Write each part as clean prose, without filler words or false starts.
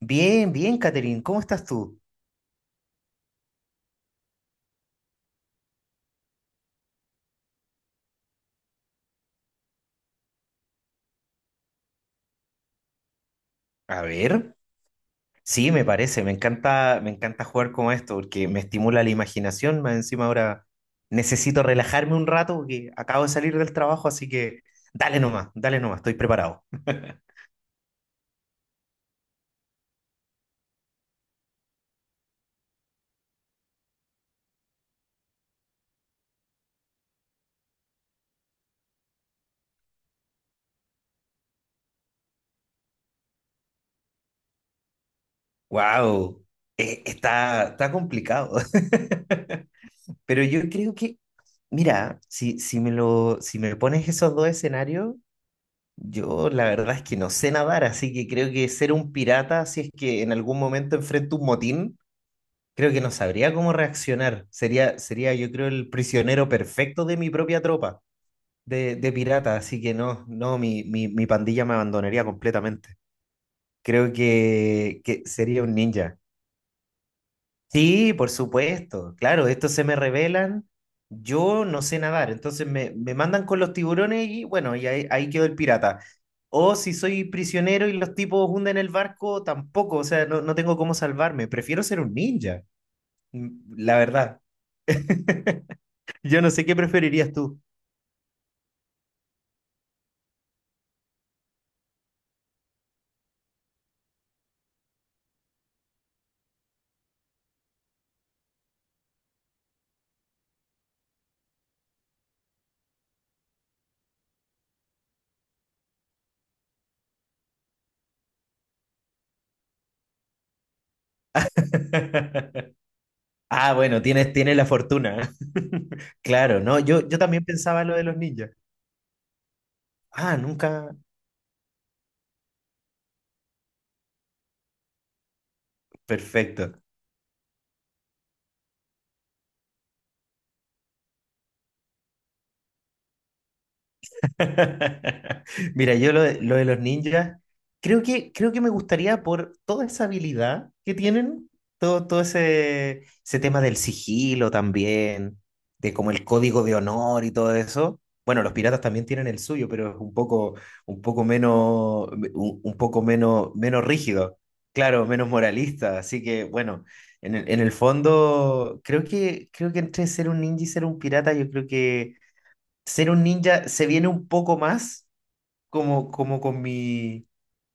Bien, bien, Catherine, ¿cómo estás tú? A ver, sí, me parece, me encanta, jugar con esto porque me estimula la imaginación, más encima ahora necesito relajarme un rato porque acabo de salir del trabajo, así que dale nomás, estoy preparado. Wow, está complicado, pero yo creo que, mira, si me pones esos dos escenarios, yo la verdad es que no sé nadar, así que creo que ser un pirata, si es que en algún momento enfrento un motín, creo que no sabría cómo reaccionar. Sería, yo creo, el prisionero perfecto de mi propia tropa de pirata. Así que no, no, mi pandilla me abandonaría completamente. Creo que, sería un ninja. Sí, por supuesto. Claro, estos se me revelan. Yo no sé nadar, entonces me mandan con los tiburones y bueno, y ahí, ahí quedó el pirata. O si soy prisionero y los tipos hunden el barco, tampoco, o sea, no, no tengo cómo salvarme. Prefiero ser un ninja, la verdad. Yo no sé qué preferirías tú. Ah, bueno, tienes, tienes la fortuna. Claro, no, yo también pensaba lo de los ninjas. Ah, nunca. Perfecto. Mira, lo de los ninjas, creo que me gustaría por toda esa habilidad que tienen, todo, ese tema del sigilo también, de como el código de honor y todo eso. Bueno, los piratas también tienen el suyo, pero es un poco, un poco menos, menos rígido, claro, menos moralista. Así que, bueno, en el fondo, creo que entre ser un ninja y ser un pirata, yo creo que ser un ninja se viene un poco más como,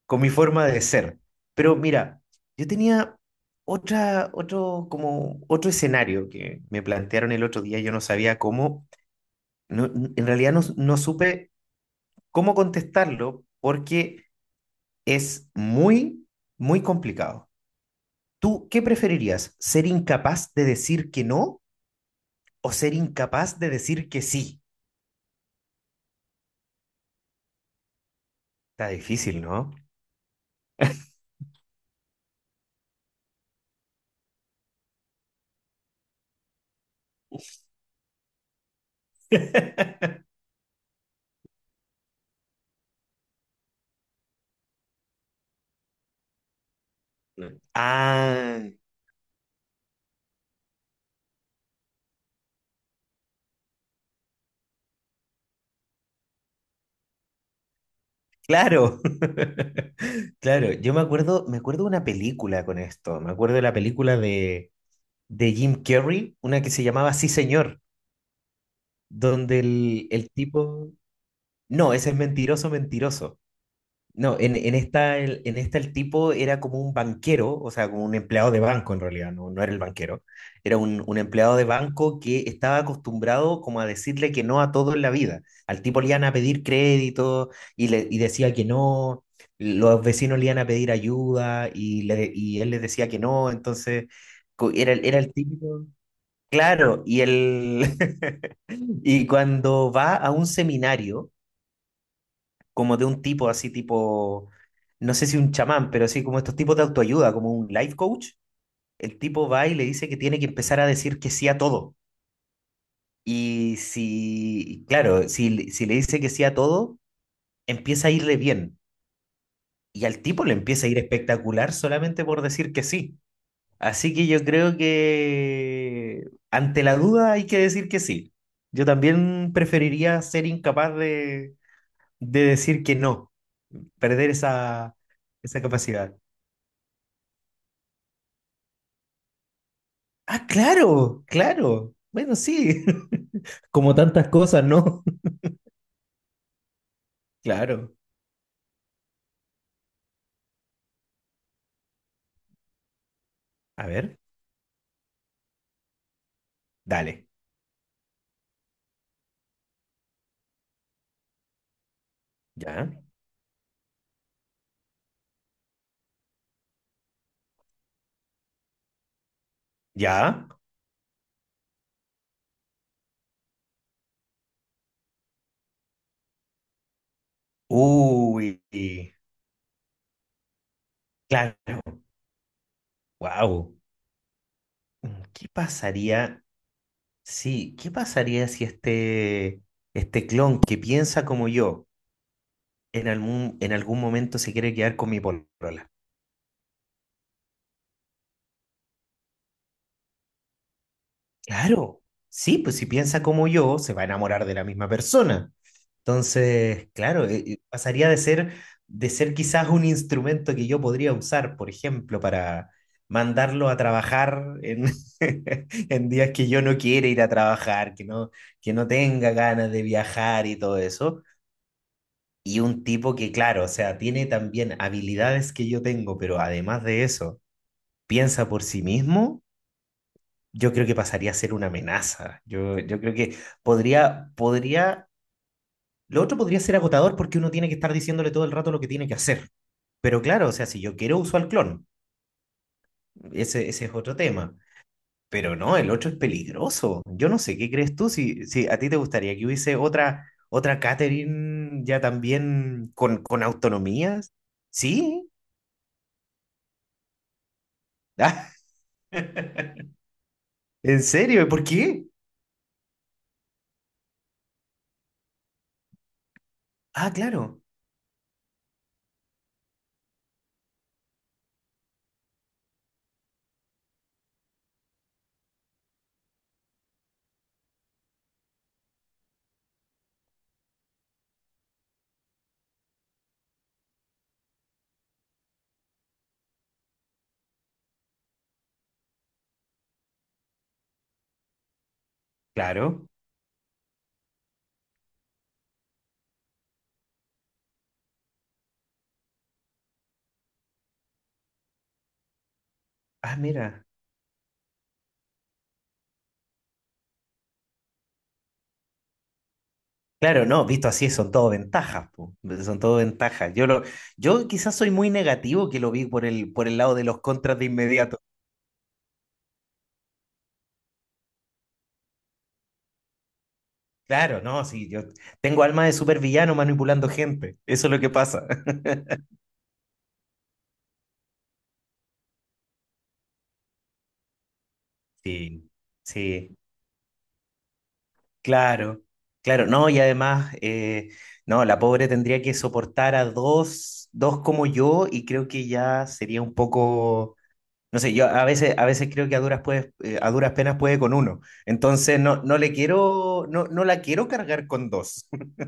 con mi forma de ser. Pero mira, yo tenía otro, como otro escenario que me plantearon el otro día, yo no sabía cómo, no- en realidad no, no supe cómo contestarlo porque es muy, muy complicado. ¿Tú qué preferirías? ¿Ser incapaz de decir que no o ser incapaz de decir que sí? Está difícil, ¿no? No. Ah, claro, claro. Yo me acuerdo de una película con esto. Me acuerdo de la película de Jim Carrey, una que se llamaba Sí, señor, donde el tipo. No, ese es mentiroso, mentiroso. No, en esta, en esta el tipo era como un banquero, o sea, como un empleado de banco en realidad, no, no era el banquero, era un empleado de banco que estaba acostumbrado como a decirle que no a todo en la vida. Al tipo le iban a pedir crédito y decía que no, los vecinos le iban a pedir ayuda y él les decía que no, entonces era el típico, claro, y cuando va a un seminario como de un tipo así tipo, no sé si un chamán, pero así como estos tipos de autoayuda, como un life coach, el tipo va y le dice que tiene que empezar a decir que sí a todo. Y si, claro, si, si le dice que sí a todo, empieza a irle bien. Y al tipo le empieza a ir espectacular solamente por decir que sí. Así que yo creo que ante la duda hay que decir que sí. Yo también preferiría ser incapaz de decir que no, perder esa, esa capacidad. Ah, claro, claro. Bueno, sí. Como tantas cosas, ¿no? Claro. A ver, dale. Ya, ya. Uy, claro. Wow. ¿Qué pasaría? Sí, ¿qué pasaría si este, este clon que piensa como yo en algún momento se quiere quedar con mi polola? Claro, sí, pues si piensa como yo, se va a enamorar de la misma persona. Entonces, claro, pasaría de ser quizás un instrumento que yo podría usar, por ejemplo, para mandarlo a trabajar en, en días que yo no quiera ir a trabajar, que no tenga ganas de viajar y todo eso. Y un tipo que, claro, o sea, tiene también habilidades que yo tengo, pero además de eso, piensa por sí mismo. Yo creo que pasaría a ser una amenaza. Yo creo que podría, podría, lo otro podría ser agotador porque uno tiene que estar diciéndole todo el rato lo que tiene que hacer. Pero claro, o sea, si yo quiero uso al clon, ese es otro tema. Pero no, el otro es peligroso. Yo no sé, ¿qué crees tú? Si, si a ti te gustaría que hubiese otra, otra Catherine ya también con autonomías. ¿Sí? Ah, ¿En serio? ¿Por qué? Ah, claro, claro. Ah, mira. Claro, no, visto así son todo ventajas, po, son todo ventajas. Yo lo, yo quizás soy muy negativo que lo vi por el lado de los contras de inmediato. Claro, no, sí, yo tengo alma de supervillano manipulando gente. Eso es lo que pasa. Sí, sí, claro, claro, no, no, la pobre tendría que soportar a dos, dos como yo, y creo que ya sería un poco. No sé, yo a veces creo que a duras, a duras penas puede con uno. Entonces no, no le quiero, no, no la quiero cargar con dos.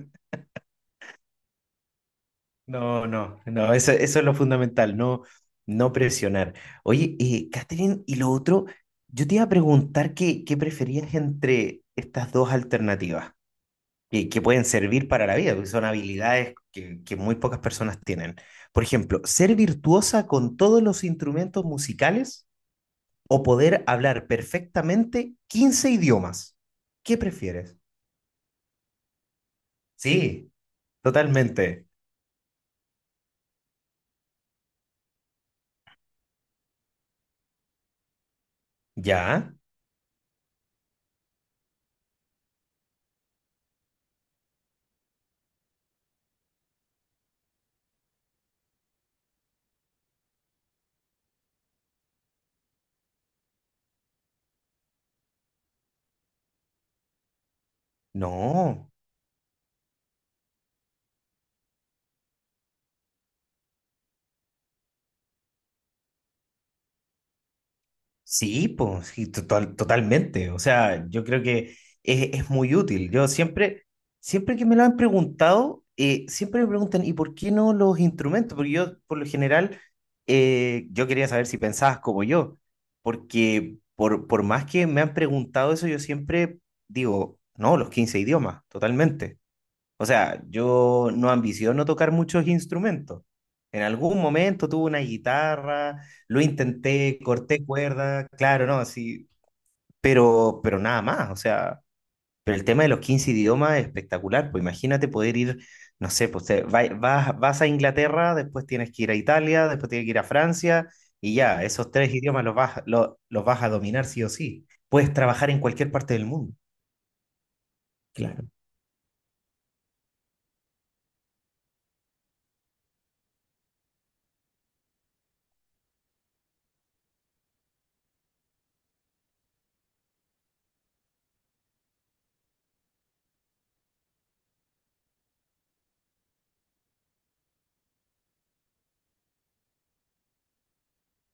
No, no, no, eso es lo fundamental, no, no presionar. Oye, Catherine, y lo otro, yo te iba a preguntar qué, qué preferías entre estas dos alternativas que pueden servir para la vida, porque son habilidades que muy pocas personas tienen. Por ejemplo, ser virtuosa con todos los instrumentos musicales o poder hablar perfectamente 15 idiomas. ¿Qué prefieres? Sí, totalmente. ¿Ya? No. Sí, pues, sí, totalmente. O sea, yo creo que es muy útil. Yo siempre, siempre que me lo han preguntado, siempre me preguntan, ¿y por qué no los instrumentos? Porque yo, por lo general, yo quería saber si pensabas como yo, porque por más que me han preguntado eso, yo siempre digo, no, los 15 idiomas, totalmente. O sea, yo no ambiciono tocar muchos instrumentos. En algún momento tuve una guitarra, lo intenté, corté cuerda, claro, no, sí, pero nada más, o sea, pero el tema de los 15 idiomas es espectacular, pues imagínate poder ir, no sé, pues vas, vas a Inglaterra, después tienes que ir a Italia, después tienes que ir a Francia, y ya, esos tres idiomas los vas, los vas a dominar sí o sí. Puedes trabajar en cualquier parte del mundo. Claro.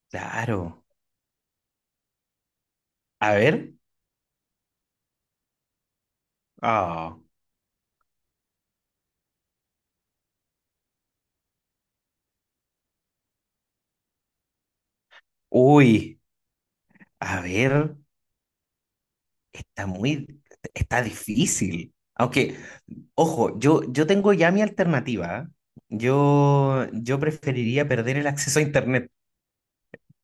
Claro. A ver. Ah. Uy. A ver, está muy, está difícil. Aunque, ojo, yo tengo ya mi alternativa. Yo preferiría perder el acceso a Internet.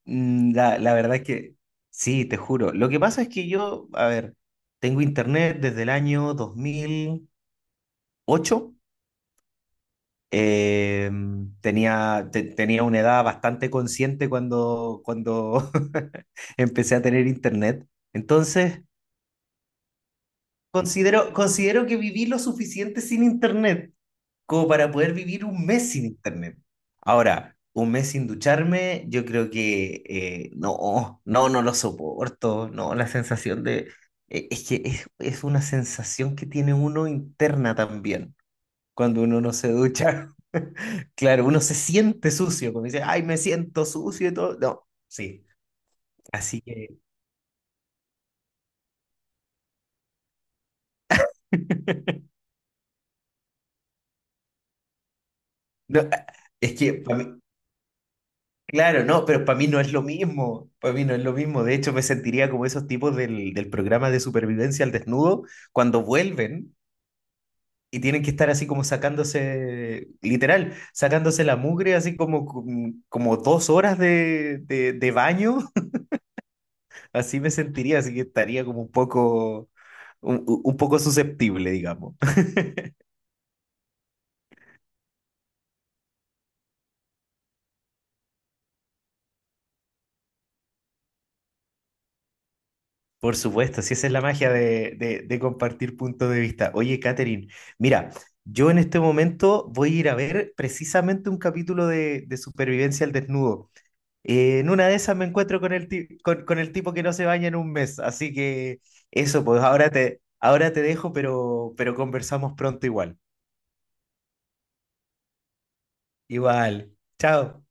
Mm, la verdad es que, sí, te juro. Lo que pasa es que yo, a ver, tengo Internet desde el año 2008. Eh, tenía, tenía una edad bastante consciente cuando, cuando empecé a tener Internet. Entonces… considero, considero que viví lo suficiente sin internet como para poder vivir 1 mes sin internet. Ahora, 1 mes sin ducharme, yo creo que no, no, no lo soporto, no, la sensación de… es que es una sensación que tiene uno interna también, cuando uno no se ducha. Claro, uno se siente sucio, como dice, ay, me siento sucio y todo. No, sí, así que… no, es que claro, no, pero para mí no es lo mismo. Para mí no es lo mismo. De hecho, me sentiría como esos tipos del, del programa de supervivencia al desnudo cuando vuelven y tienen que estar así como sacándose, literal, sacándose la mugre, así como, como 2 horas de, de baño. Así me sentiría, así que estaría como un poco, un poco susceptible, digamos. Por supuesto, si esa es la magia de, de compartir puntos de vista. Oye, Catherine, mira, yo en este momento voy a ir a ver precisamente un capítulo de Supervivencia al Desnudo. En una de esas me encuentro con el, con el tipo que no se baña en 1 mes, así que eso, pues ahora te dejo, pero conversamos pronto igual. Igual, chao.